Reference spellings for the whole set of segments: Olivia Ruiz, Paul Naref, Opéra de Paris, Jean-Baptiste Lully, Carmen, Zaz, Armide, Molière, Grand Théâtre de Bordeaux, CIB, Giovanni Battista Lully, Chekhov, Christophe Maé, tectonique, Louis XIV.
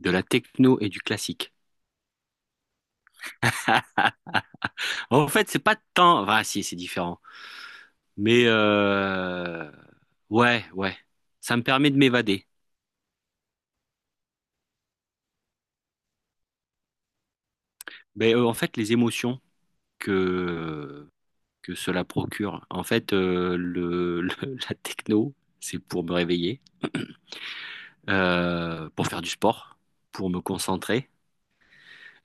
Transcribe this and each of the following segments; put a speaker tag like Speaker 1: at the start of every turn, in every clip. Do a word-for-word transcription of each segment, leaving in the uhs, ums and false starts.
Speaker 1: De la techno et du classique. En fait, c'est pas tant. Ah, si, c'est différent. Mais euh, ouais, ouais. Ça me permet de m'évader. Mais euh, en fait, les émotions que que cela procure. En fait, euh, le, le- la techno, c'est pour me réveiller, euh, pour faire du sport, pour me concentrer.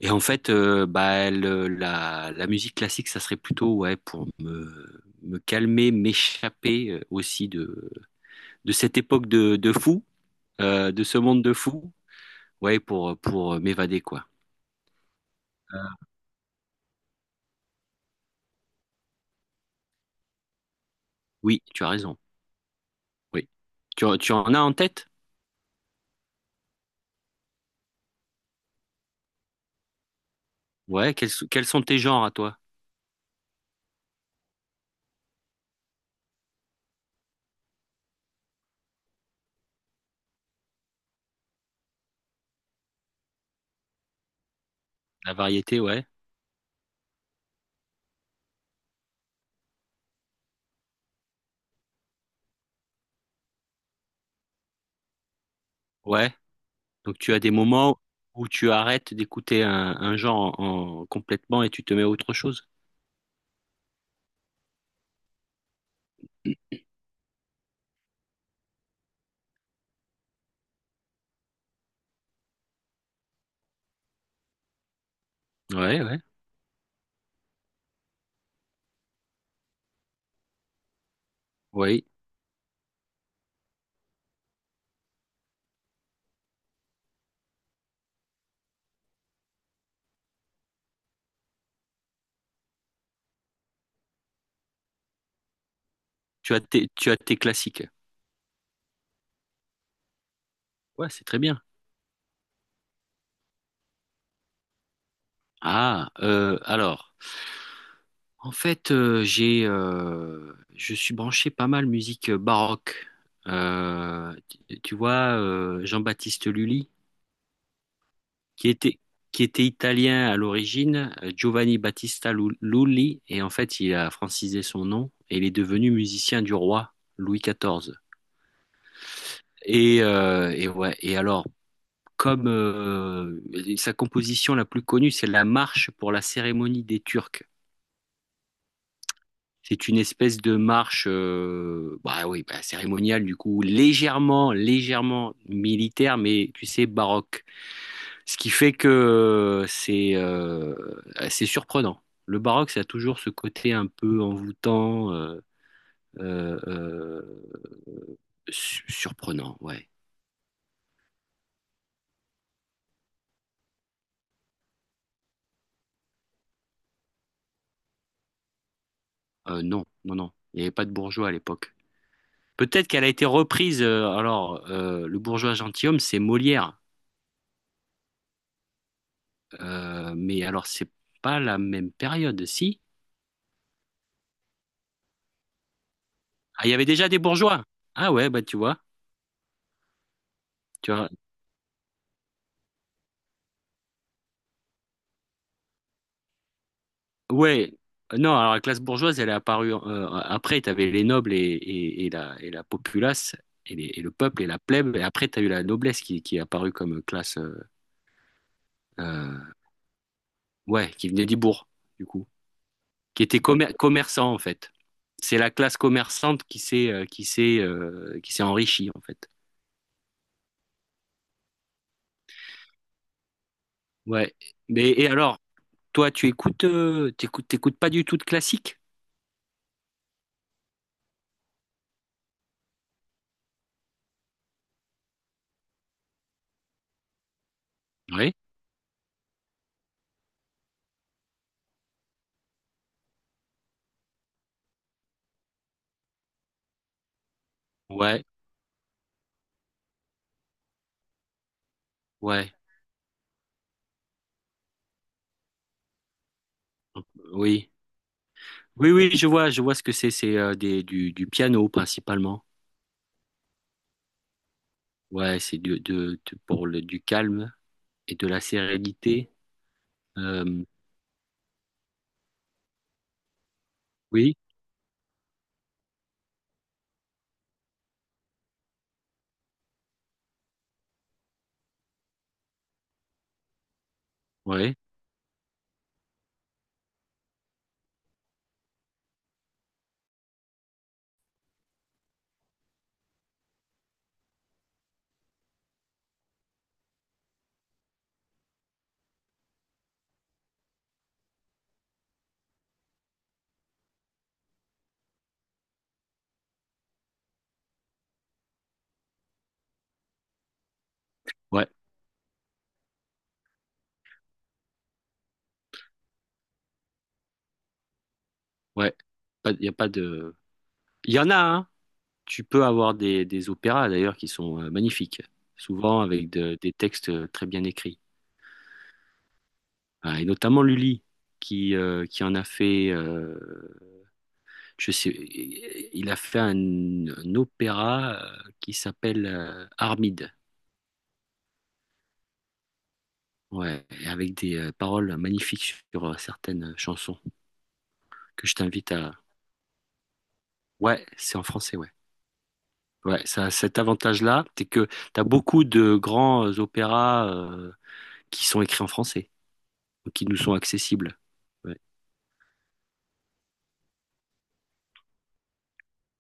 Speaker 1: Et en fait, euh, bah, le- la, la musique classique, ça serait plutôt ouais, pour me, me calmer, m'échapper euh, aussi de, de cette époque de, de fou. Euh, de ce monde de fous, ouais, pour, pour euh, m'évader, quoi. Oui, tu as raison. Oui. Tu, tu en as en tête? Ouais, quels, quels sont tes genres à toi? La variété, ouais. Ouais. Donc tu as des moments où tu arrêtes d'écouter un, un genre en, en- complètement et tu te mets à autre chose. Ouais, ouais. Oui. Tu as tes, tu as tes classiques. Ouais, c'est très bien. Ah, euh, alors. en fait, euh, j'ai, euh, je suis branché pas mal musique euh, baroque. Euh, tu, tu vois, euh, Jean-Baptiste Lully, qui était, qui était italien à l'origine, euh, Giovanni Battista Lu- Lully, et en fait, il a francisé son nom et il est devenu musicien du roi Louis quatorze. Et, euh, et ouais, et alors, comme euh, sa composition la plus connue, c'est la marche pour la cérémonie des Turcs. C'est une espèce de marche, euh, bah oui, bah, cérémoniale du coup, légèrement, légèrement militaire, mais tu sais, baroque. Ce qui fait que euh, c'est euh, c'est surprenant. Le baroque, ça a toujours ce côté un peu envoûtant, euh, euh, euh, su- surprenant, ouais. Euh, non, non, non, il n'y avait pas de bourgeois à l'époque. Peut-être qu'elle a été reprise, euh, alors, euh, le bourgeois gentilhomme, c'est Molière. Euh, mais alors, c'est pas la même période, si? Ah, il y avait déjà des bourgeois. Ah ouais, bah tu vois, tu vois. Ouais. Non, alors la classe bourgeoise, elle est apparue euh, après. Tu avais les nobles et, et- et la, et la populace, et, les- et le peuple et la plèbe. Et après, tu as eu la noblesse qui, qui est apparue comme classe, euh, euh, ouais, qui venait des bourgs, du coup, qui était commer- commerçant en fait. C'est la classe commerçante qui s'est euh, qui s'est euh, qui s'est enrichie en fait. Ouais. Mais et alors, toi, tu écoutes, euh, t'écoutes, t'écoutes pas du tout de classique? Oui. Ouais, ouais, oui. Oui, oui, je vois, je vois ce que c'est. C'est euh, des, du, du piano principalement. Ouais, c'est du- de, de- pour le, du calme et de la sérénité. Euh, oui, ouais, ouais, ouais. Pas- Il y a pas de. Il y en a, hein. Tu peux avoir des, des opéras d'ailleurs qui sont euh, magnifiques, souvent avec de- des textes euh, très bien écrits. Ah, et notamment Lully, qui, euh, qui en a fait. Euh, je sais, il a fait un, un opéra euh, qui s'appelle euh, Armide. Ouais, et avec des euh, paroles magnifiques sur euh, certaines chansons que je t'invite à... Ouais, c'est en français, ouais. Ouais, ça a cet avantage-là, c'est que t'as beaucoup de grands euh, opéras euh, qui sont écrits en français, ou qui nous sont accessibles. Ouais.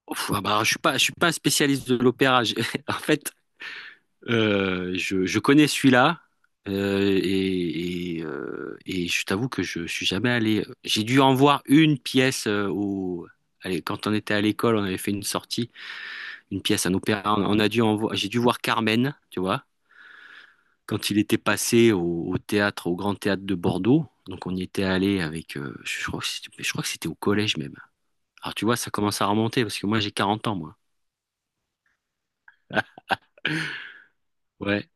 Speaker 1: Ouf, ah bah, je suis pas, je suis pas spécialiste de l'opéra. J'ai- En fait, euh, je, je connais celui-là, euh, et, et, euh, et je t'avoue que je suis jamais allé... J'ai dû en voir une pièce euh, au... Allez, quand on était à l'école, on avait fait une sortie. Une pièce, un opéra. On a dû en vo- j'ai dû voir Carmen, tu vois, quand il était passé au, au théâtre, au Grand Théâtre de Bordeaux. Donc on y était allé avec, euh, je crois que c'était, je crois que c'était au collège même. Alors tu vois, ça commence à remonter parce que moi j'ai quarante ans, moi. Ouais.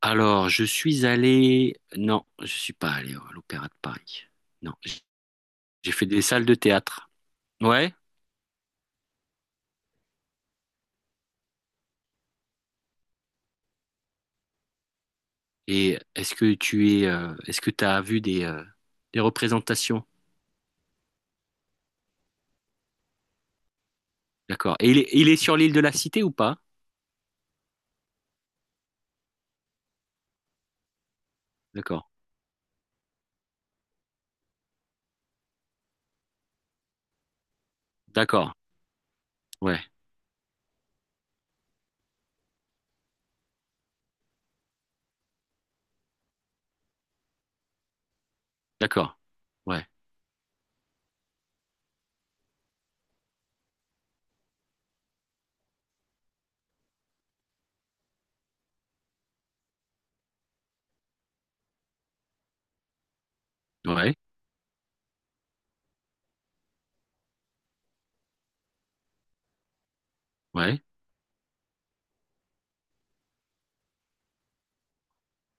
Speaker 1: Alors je suis allé, non, je suis pas allé à l'Opéra de Paris. Non, j'ai fait des salles de théâtre. Ouais. Et est-ce que tu es, euh, est-ce que tu as vu des, euh, des représentations? D'accord. Et il est, il est sur l'île de la Cité ou pas? D'accord. D'accord. Ouais. D'accord. Ouais. Ouais. Ouais.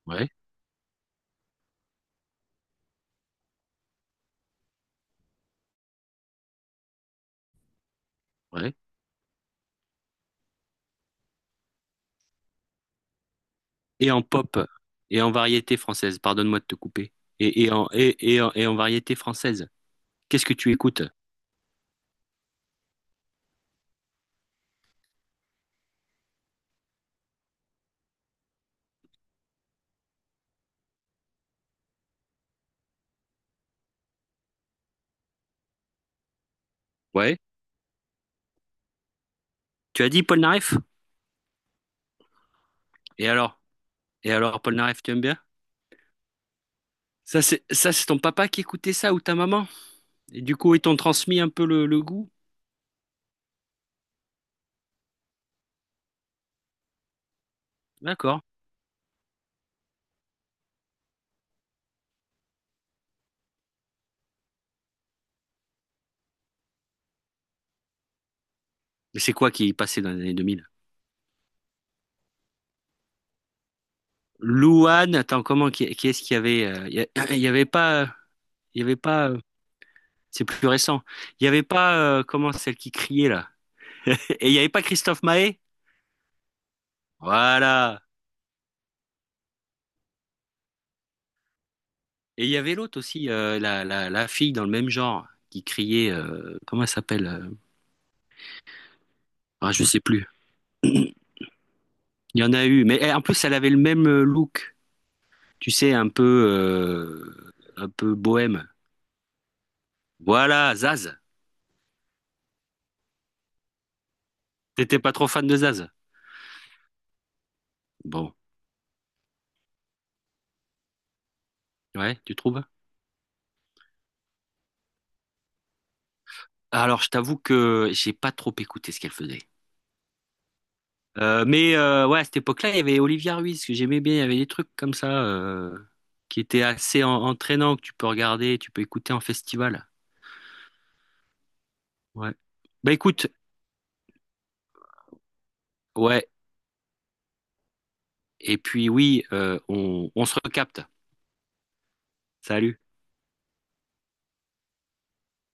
Speaker 1: Ouais. Ouais. Et en pop et en variété française. Pardonne-moi de te couper. Et, et en et, et en, et en variété française. Qu'est-ce que tu écoutes? Ouais. Tu as dit Paul Naref? Et alors? Et alors, Paul Naref, tu aimes bien? Ça, c'est ça, c'est ton papa qui écoutait ça ou ta maman? Et du coup, ils t'ont transmis un peu le, le goût? D'accord. Mais c'est quoi qui passait dans les années deux mille? Louane, attends, comment, qui, qui est-ce qu'il y avait? euh, Il y, a- il y avait pas, euh, il y avait pas, euh, c'est plus récent. Il y avait pas, euh, comment, celle qui criait là? Et il n'y avait pas Christophe Maé? Voilà. Et il y avait l'autre aussi, euh, la, la, la fille dans le même genre, qui criait, euh, comment elle s'appelle? euh, Ah, je sais plus. Il y en a eu, mais elle- en plus, elle avait le même euh, look, tu sais, un peu, euh, un peu bohème. Voilà, Zaz. T'étais pas trop fan de Zaz? Bon, ouais, tu trouves? Alors, je t'avoue que j'ai pas trop écouté ce qu'elle faisait. Euh, mais euh, ouais, à cette époque-là, il y avait Olivia Ruiz que j'aimais bien. Il y avait des trucs comme ça euh, qui étaient assez en- entraînants que tu peux regarder, tu peux écouter en festival. Ouais. Bah écoute, ouais. Et puis oui, euh, on, on se recapte. Salut.